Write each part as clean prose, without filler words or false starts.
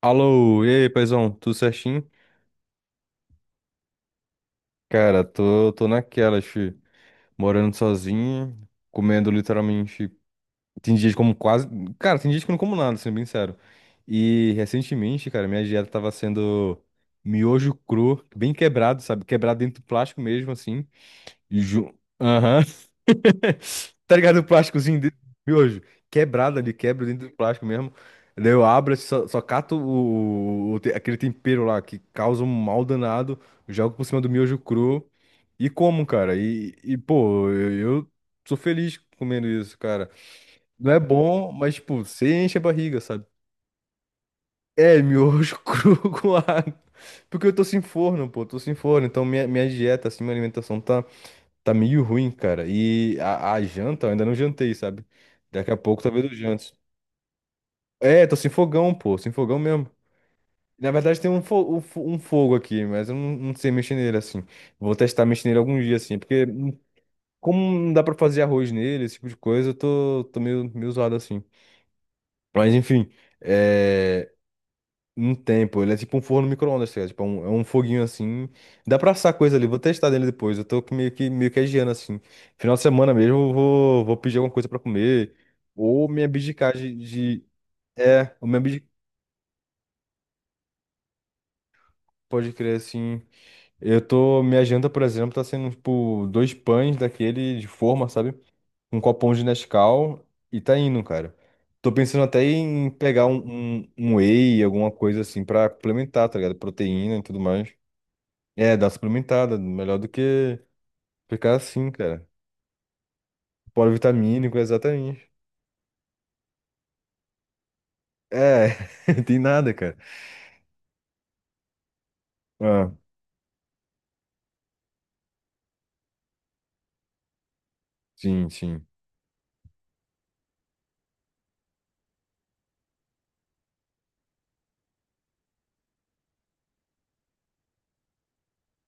Alô, e aí, paizão, tudo certinho? Cara, tô naquela, fi, morando sozinho, comendo literalmente. Tem dias que como quase. Cara, tem dias que eu não como nada, sendo bem sério. E recentemente, cara, minha dieta tava sendo miojo cru, bem quebrado, sabe? Quebrado dentro do plástico mesmo, assim. Ju... Aham. Tá ligado? O plásticozinho de miojo. Quebrado ali, quebra dentro do plástico mesmo. Daí eu abro, assim, só cato aquele tempero lá que causa um mal danado. Jogo por cima do miojo cru. E como, cara? Pô, eu sou feliz comendo isso, cara. Não é bom, mas, tipo, você enche a barriga, sabe? É, miojo cru com água. Porque eu tô sem forno, pô, tô sem forno. Então minha dieta, assim, minha alimentação tá. Tá meio ruim, cara. E a janta, eu ainda não jantei, sabe? Daqui a pouco talvez eu jante. É, tô sem fogão, pô, sem fogão mesmo. Na verdade tem um, um fogo aqui, mas eu não sei mexer nele assim. Vou testar mexer nele algum dia assim, porque como não dá pra fazer arroz nele, esse tipo de coisa, eu tô meio, meio zoado assim. Mas enfim, é, não tem, pô. Ele é tipo um forno micro-ondas, tá ligado? Tipo, é um foguinho assim. Dá pra assar coisa ali. Vou testar dele depois. Eu tô com meio que adiando assim. Final de semana mesmo, vou pedir alguma coisa pra comer. Ou me abdicar de... É, ou me abdicar. Pode crer assim. Eu tô. Minha janta, por exemplo, tá sendo tipo dois pães daquele de forma, sabe? Um copão de Nescau e tá indo, cara. Tô pensando até em pegar um whey, alguma coisa assim, pra complementar, tá ligado? Proteína e tudo mais. É, dá suplementada, melhor do que ficar assim, cara. Polivitamínico, exatamente. É, tem nada, cara. Ah, sim, sim.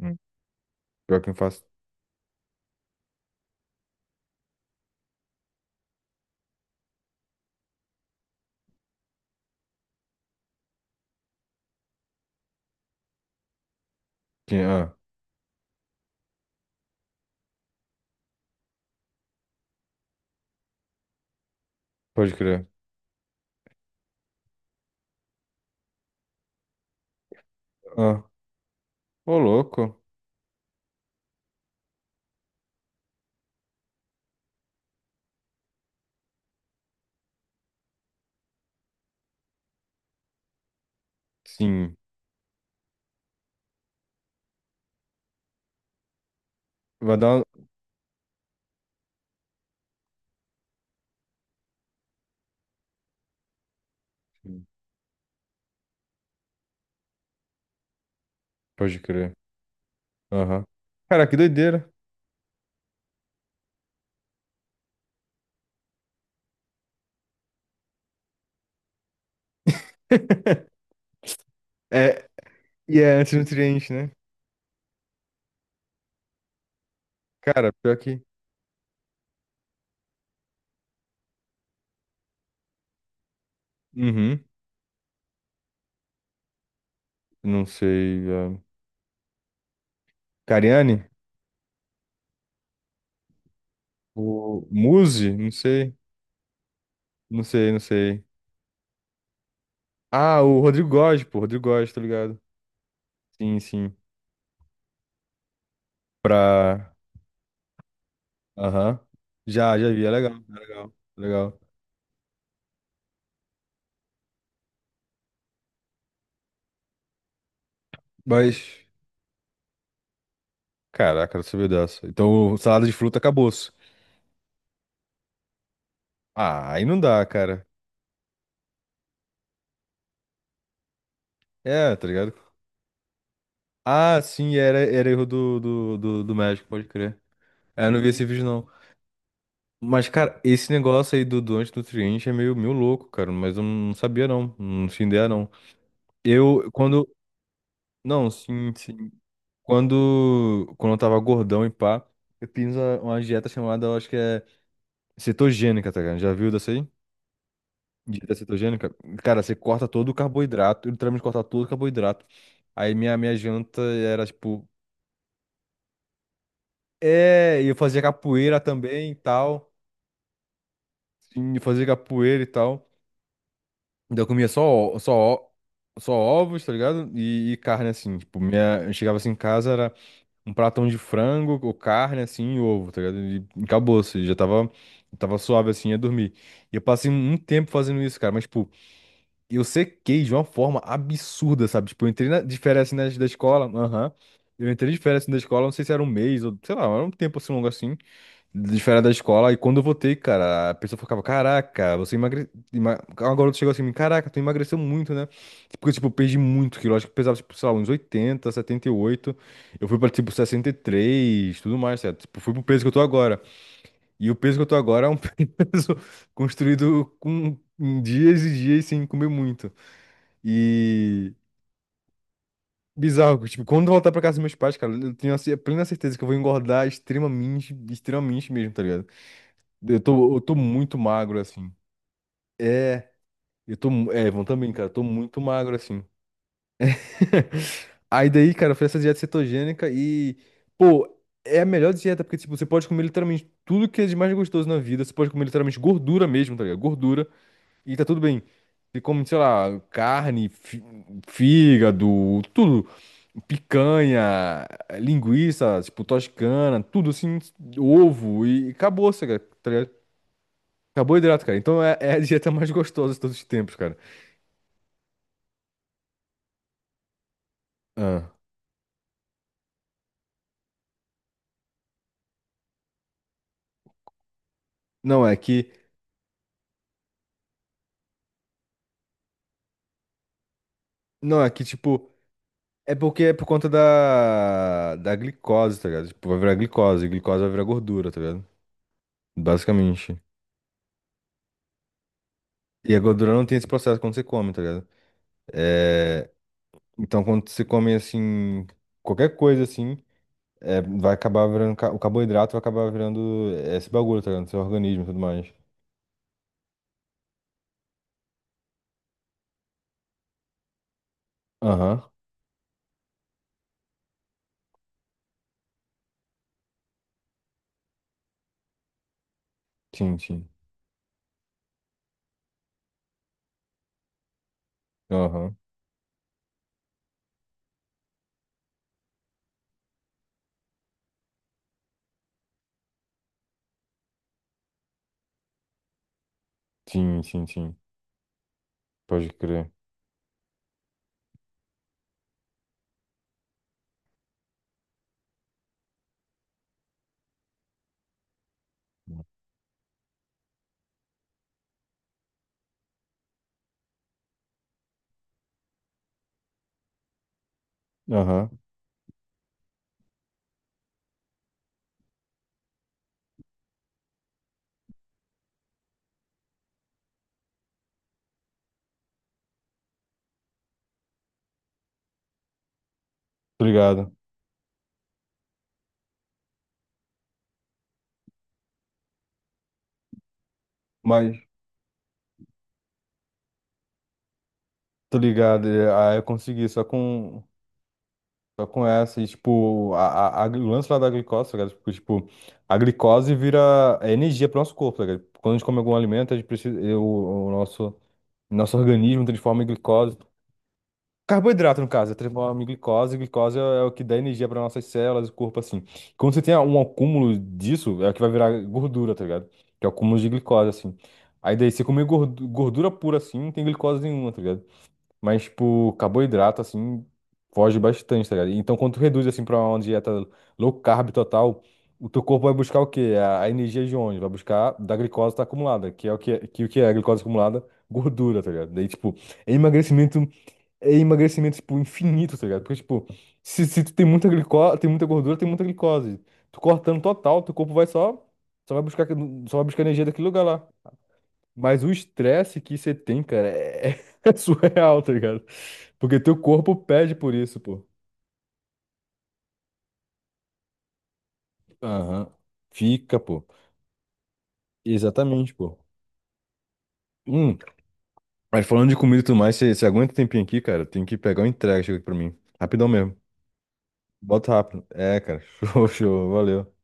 Hum, pior que eu faço. Sim, ah, pode crer. Ah, ô louco. Sim. Vai dar uma... Sim, pode crer. Aham. Cara, que doideira. É, e é antinutriente, né? Cara, pior que. Uhum. Não sei. Ah, Cariani? O Muzi? Não sei. Não sei, não sei. Ah, o Rodrigo Góes, pô. Rodrigo Góes, tá ligado? Sim, sim. Pra. Aham. Já, já vi. É legal, é legal, é legal. Mas. Caraca, não sabia dessa. Então, o salada de fruta acabou-se. Ah, aí não dá, cara. É, tá ligado? Ah, sim, era, era erro do médico, pode crer. É, eu não vi esse vídeo, não. Mas, cara, esse negócio aí do antinutriente é meio, meio louco, cara. Mas eu não sabia, não. Não tinha ideia, não. Eu, quando. Não, sim, sim. Quando eu tava gordão e pá, eu fiz uma dieta chamada, eu acho que é. Cetogênica, tá ligado? Já viu dessa aí? Dieta cetogênica? Cara, você corta todo o carboidrato, eu literalmente corta todo o carboidrato. Aí minha janta era tipo. É, e eu fazia capoeira também e tal. Sim, eu fazia capoeira e tal. Então eu comia ó- só, ó- só ovos, tá ligado? E carne assim. Tipo, minha, eu chegava assim em casa, era um pratão de frango, ou carne assim, e ovo, tá ligado? E acabou, assim, tava suave assim, ia dormir. E eu passei um tempo fazendo isso, cara, mas, tipo. Eu sequei de uma forma absurda, sabe? Tipo, eu entrei na, de férias assim, na- da escola, aham. Eu entrei de férias assim, da escola, não sei se era um mês ou, sei lá, era um tempo assim longo assim, de férias da escola. E quando eu voltei, cara, a pessoa ficava, caraca, você emagreceu. Uma garota chegou assim, caraca, tu emagreceu muito, né? Porque, tipo, eu perdi muito quilo. Acho que eu pesava, tipo, sei lá, uns 80, 78. Eu fui pra, tipo, 63, tudo mais, certo? Tipo, fui pro peso que eu tô agora. E o peso que eu tô agora é um peso construído com dias e dias sem comer muito. E bizarro, que, tipo, quando eu voltar pra casa dos meus pais, cara, eu tenho a ce- plena certeza que eu vou engordar extremamente, extremamente mesmo, tá ligado? Eu tô muito magro, assim. É, eu tô, mu- é, vão também, cara, eu tô muito magro, assim. Aí daí, cara, eu fiz essa dieta cetogênica e, pô, é a melhor dieta, porque, tipo, você pode comer literalmente tudo que é de mais gostoso na vida, você pode comer literalmente gordura mesmo, tá ligado? Gordura, e tá tudo bem. Você come, sei lá, carne, fi- fígado, tudo. Picanha, linguiça, tipo, toscana, tudo assim, ovo e acabou, saca, tá ligado? Acabou o hidrato, cara. Então é a dieta mais gostosa de todos os tempos, cara. Ah. Não, é que. Não, é que, tipo. É porque é por conta da glicose, tá ligado? Tipo, vai virar glicose, e glicose vai virar gordura, tá ligado? Basicamente. E a gordura não tem esse processo quando você come, tá ligado? É, então, quando você come, assim, qualquer coisa, assim, é, vai acabar virando. O carboidrato vai acabar virando esse bagulho, tá ligado? Seu organismo e tudo mais. Aham. Sim, sim. Aham. Sim, sim, sim. Pode crer. Aham. Tô ligado. Mas, tô ligado. É, aí eu consegui só com. Só com essa. E, tipo, o lance lá da glicose, tá ligado? Porque, tipo, a glicose vira é energia pro nosso corpo, tá ligado? Quando a gente come algum alimento, a gente precisa. O nosso. Nosso organismo transforma em glicose. Carboidrato, no caso, é transformado em glicose. Glicose é o que dá energia para nossas células, o corpo, assim. Quando você tem um acúmulo disso, é o que vai virar gordura, tá ligado? Que é o acúmulo de glicose, assim. Aí daí, você comer gordura pura, assim, não tem glicose nenhuma, tá ligado? Mas, tipo, carboidrato, assim, foge bastante, tá ligado? Então, quando tu reduz, assim, pra uma dieta low carb total, o teu corpo vai buscar o quê? A energia de onde? Vai buscar da glicose que tá acumulada, que é o que é, que, o que é a glicose acumulada? Gordura, tá ligado? Daí, tipo, é emagrecimento é emagrecimento, tipo, infinito, tá ligado? Porque, tipo, se tu tem muita glicose, tem muita gordura, tem muita glicose. Tu cortando total, teu corpo vai só, só vai buscar, só vai buscar energia daquele lugar lá. Mas o estresse que você tem, cara, é, é surreal, tá ligado? Porque teu corpo pede por isso, pô. Aham. Fica, pô. Exatamente, pô. Hum, mas falando de comida e tudo mais, você aguenta um tempinho aqui, cara? Tem que pegar uma entrega, chega aqui pra mim. Rapidão mesmo. Bota rápido. É, cara. Show, show. Valeu.